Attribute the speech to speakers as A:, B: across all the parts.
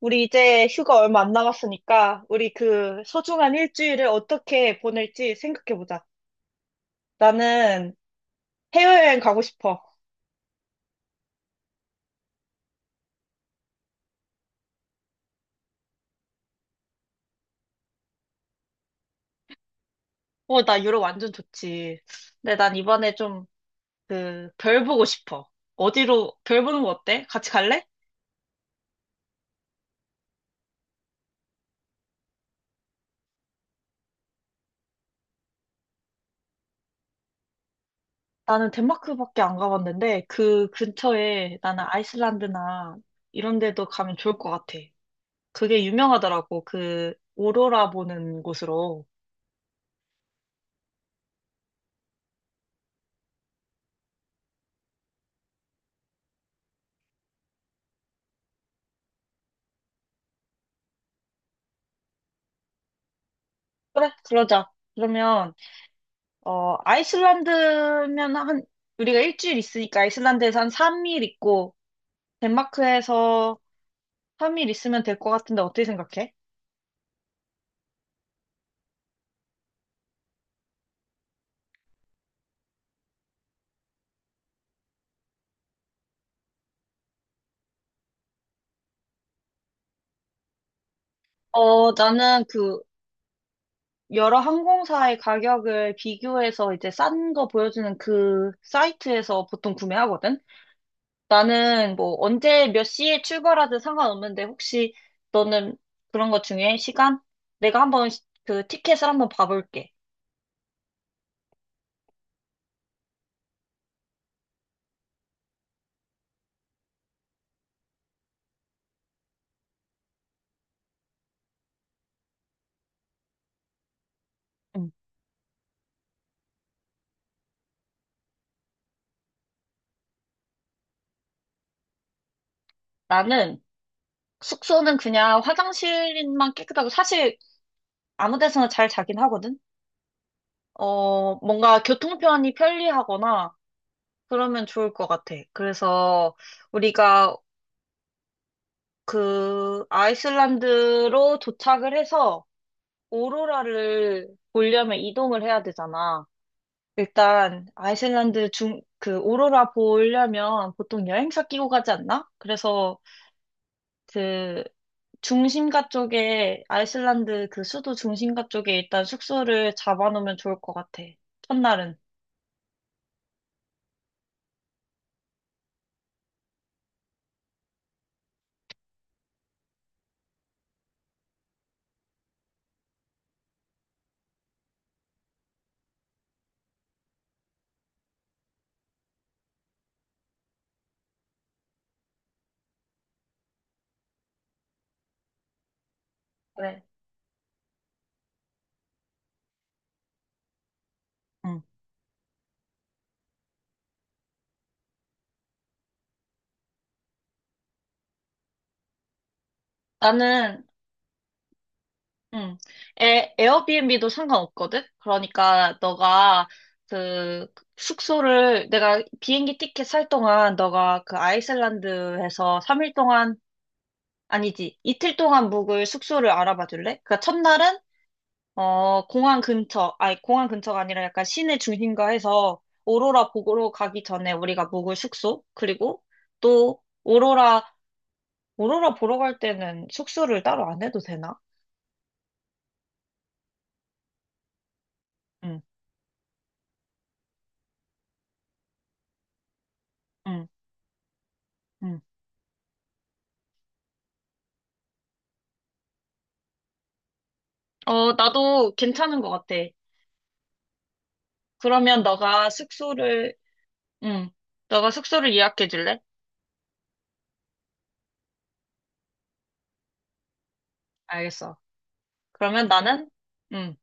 A: 우리 이제 휴가 얼마 안 남았으니까 우리 그 소중한 일주일을 어떻게 보낼지 생각해보자. 나는 해외여행 가고 싶어. 어, 나 유럽 완전 좋지. 근데 난 이번에 좀 그 별 보고 싶어. 어디로 별 보는 거 어때? 같이 갈래? 나는 덴마크밖에 안 가봤는데 그 근처에 나는 아이슬란드나 이런 데도 가면 좋을 것 같아. 그게 유명하더라고. 그 오로라 보는 곳으로. 그래, 그러자. 그러면 어, 아이슬란드면 한, 우리가 일주일 있으니까 아이슬란드에서 한 3일 있고, 덴마크에서 3일 있으면 될 것 같은데 어떻게 생각해? 어, 나는 그, 여러 항공사의 가격을 비교해서 이제 싼 거 보여주는 그 사이트에서 보통 구매하거든? 나는 뭐 언제 몇 시에 출발하든 상관없는데 혹시 너는 그런 것 중에 시간? 내가 한번 그 티켓을 한번 봐볼게. 음. 나는 숙소는 그냥 화장실만 깨끗하고 사실 아무 데서나 잘 자긴 하거든. 어, 뭔가 교통편이 편리하거나 그러면 좋을 것 같아. 그래서 우리가 그 아이슬란드로 도착을 해서 오로라를 보려면 이동을 해야 되잖아. 일단 그 오로라 보려면 보통 여행사 끼고 가지 않나? 그래서 그 중심가 쪽에 아이슬란드 그 수도 중심가 쪽에 일단 숙소를 잡아놓으면 좋을 것 같아. 첫날은. 그래. 응. 나는 응. 에어비앤비도 상관없거든? 그러니까 너가 그 숙소를 내가 비행기 티켓 살 동안 너가 그 아이슬란드에서 3일 동안 아니지 이틀 동안 묵을 숙소를 알아봐 줄래? 그러니까 첫날은 어 공항 근처 아니 공항 근처가 아니라 약간 시내 중심가 해서 오로라 보러 가기 전에 우리가 묵을 숙소 그리고 또 오로라 오로라 보러 갈 때는 숙소를 따로 안 해도 되나? 응, 응, 응. 어, 나도 괜찮은 것 같아. 그러면 너가 숙소를, 응, 너가 숙소를 예약해 줄래? 알겠어. 그러면 나는, 응,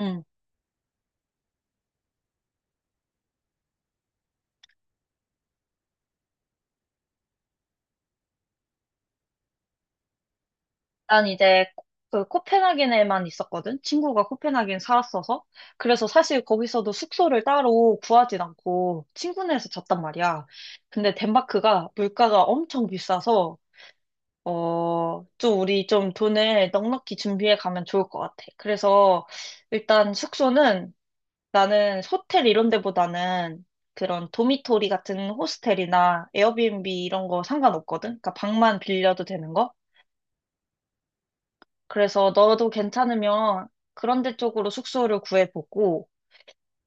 A: 응. 난 이제 그 코펜하겐에만 있었거든. 친구가 코펜하겐 살았어서. 그래서 사실 거기서도 숙소를 따로 구하진 않고 친구네에서 잤단 말이야. 근데 덴마크가 물가가 엄청 비싸서 어, 좀 우리 좀 돈을 넉넉히 준비해 가면 좋을 것 같아. 그래서 일단 숙소는 나는 호텔 이런 데보다는 그런 도미토리 같은 호스텔이나 에어비앤비 이런 거 상관없거든? 그러니까 방만 빌려도 되는 거? 그래서 너도 괜찮으면 그런 데 쪽으로 숙소를 구해보고,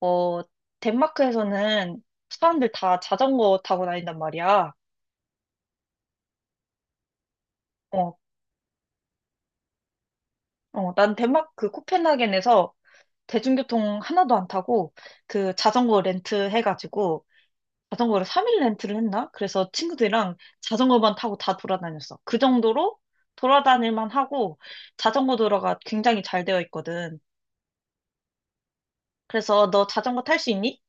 A: 어, 덴마크에서는 사람들 다 자전거 타고 다닌단 말이야. 어, 난 덴마크 코펜하겐에서 대중교통 하나도 안 타고 그 자전거 렌트 해가지고 자전거를 3일 렌트를 했나? 그래서 친구들이랑 자전거만 타고 다 돌아다녔어. 그 정도로 돌아다닐만 하고 자전거 도로가 굉장히 잘 되어 있거든. 그래서 너 자전거 탈 수 있니?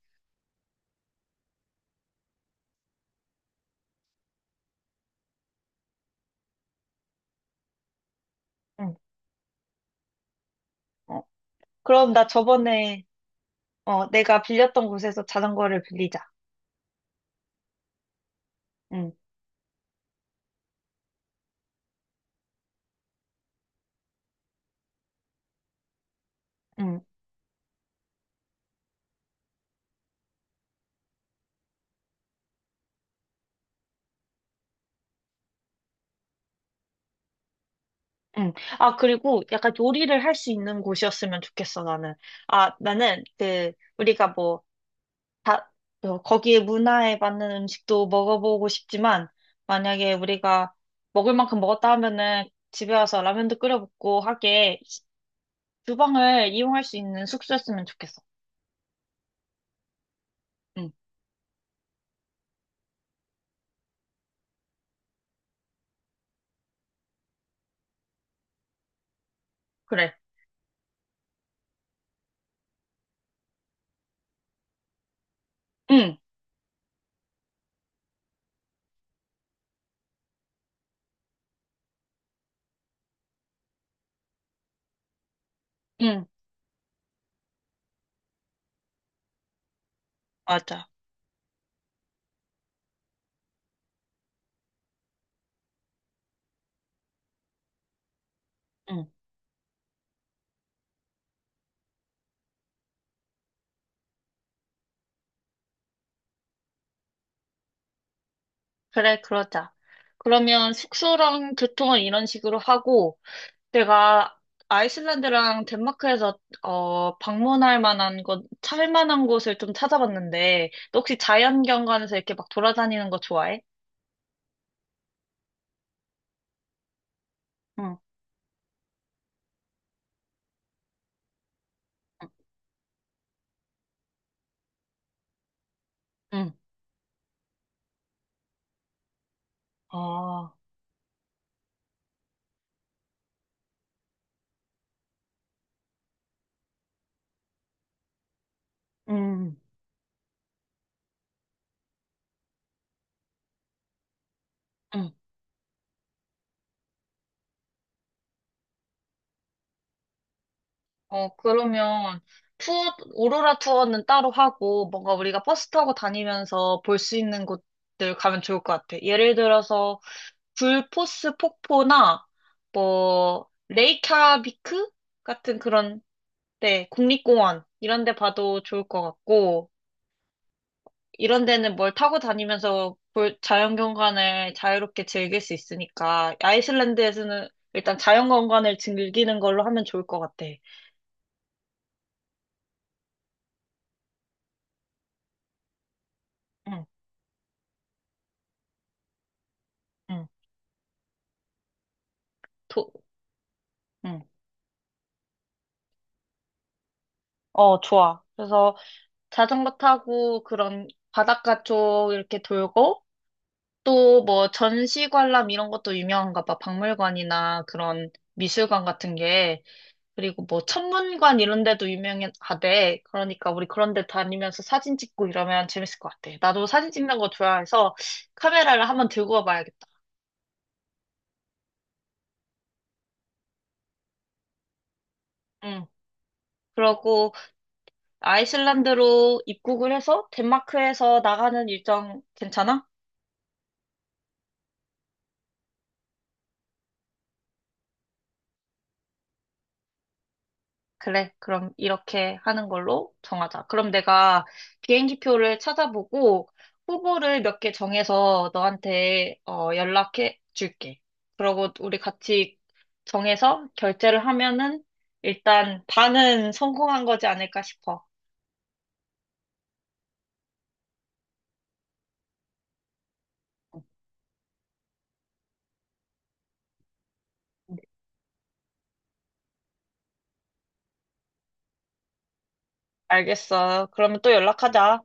A: 응. 어. 그럼 나 저번에 어, 내가 빌렸던 곳에서 자전거를 빌리자. 응. 응. 응. 아, 그리고 약간 요리를 할 수 있는 곳이었으면 좋겠어, 나는. 아, 나는 그 우리가 뭐 다, 어, 거기에 문화에 맞는 음식도 먹어보고 싶지만, 만약에 우리가 먹을 만큼 먹었다 하면은 집에 와서 라면도 끓여 먹고 하게 주방을 이용할 수 있는 숙소였으면 좋겠어. 응, 그래. 응, 응, 맞아. 응, 그래, 그러자. 그러면 숙소랑 교통은 이런 식으로 하고, 내가 아이슬란드랑 덴마크에서 어, 방문할 만한 곳, 찰 만한 곳을 좀 찾아봤는데, 너 혹시 자연경관에서 이렇게 막 돌아다니는 거 좋아해? 응, 응, 아, 응, 응. 어, 그러면 투어, 오로라 투어는 따로 하고 뭔가 우리가 버스 타고 다니면서 볼 수 있는 곳들 가면 좋을 것 같아. 예를 들어서 굴포스 폭포나 뭐 레이캬비크 같은 그런 데 국립공원 이런 데 봐도 좋을 것 같고 이런 데는 뭘 타고 다니면서 볼- 자연경관을 자유롭게 즐길 수 있으니까 아이슬란드에서는 일단 자연경관을 즐기는 걸로 하면 좋을 것 같아. 응, 응, 도, 응. 어, 좋아. 그래서 자전거 타고 그런 바닷가 쪽 이렇게 돌고 또 뭐 전시관람 이런 것도 유명한가 봐. 박물관이나 그런 미술관 같은 게. 그리고 뭐 천문관 이런 데도 유명하대. 그러니까 우리 그런 데 다니면서 사진 찍고 이러면 재밌을 것 같아. 나도 사진 찍는 거 좋아해서 카메라를 한번 들고 와봐야겠다. 응. 그러고 아이슬란드로 입국을 해서 덴마크에서 나가는 일정 괜찮아? 그래, 그럼 이렇게 하는 걸로 정하자. 그럼 내가 비행기표를 찾아보고 후보를 몇 개 정해서 너한테 어, 연락해 줄게. 그러고 우리 같이 정해서 결제를 하면은 일단 반은 성공한 거지 않을까 싶어. 알겠어. 그러면 또 연락하자.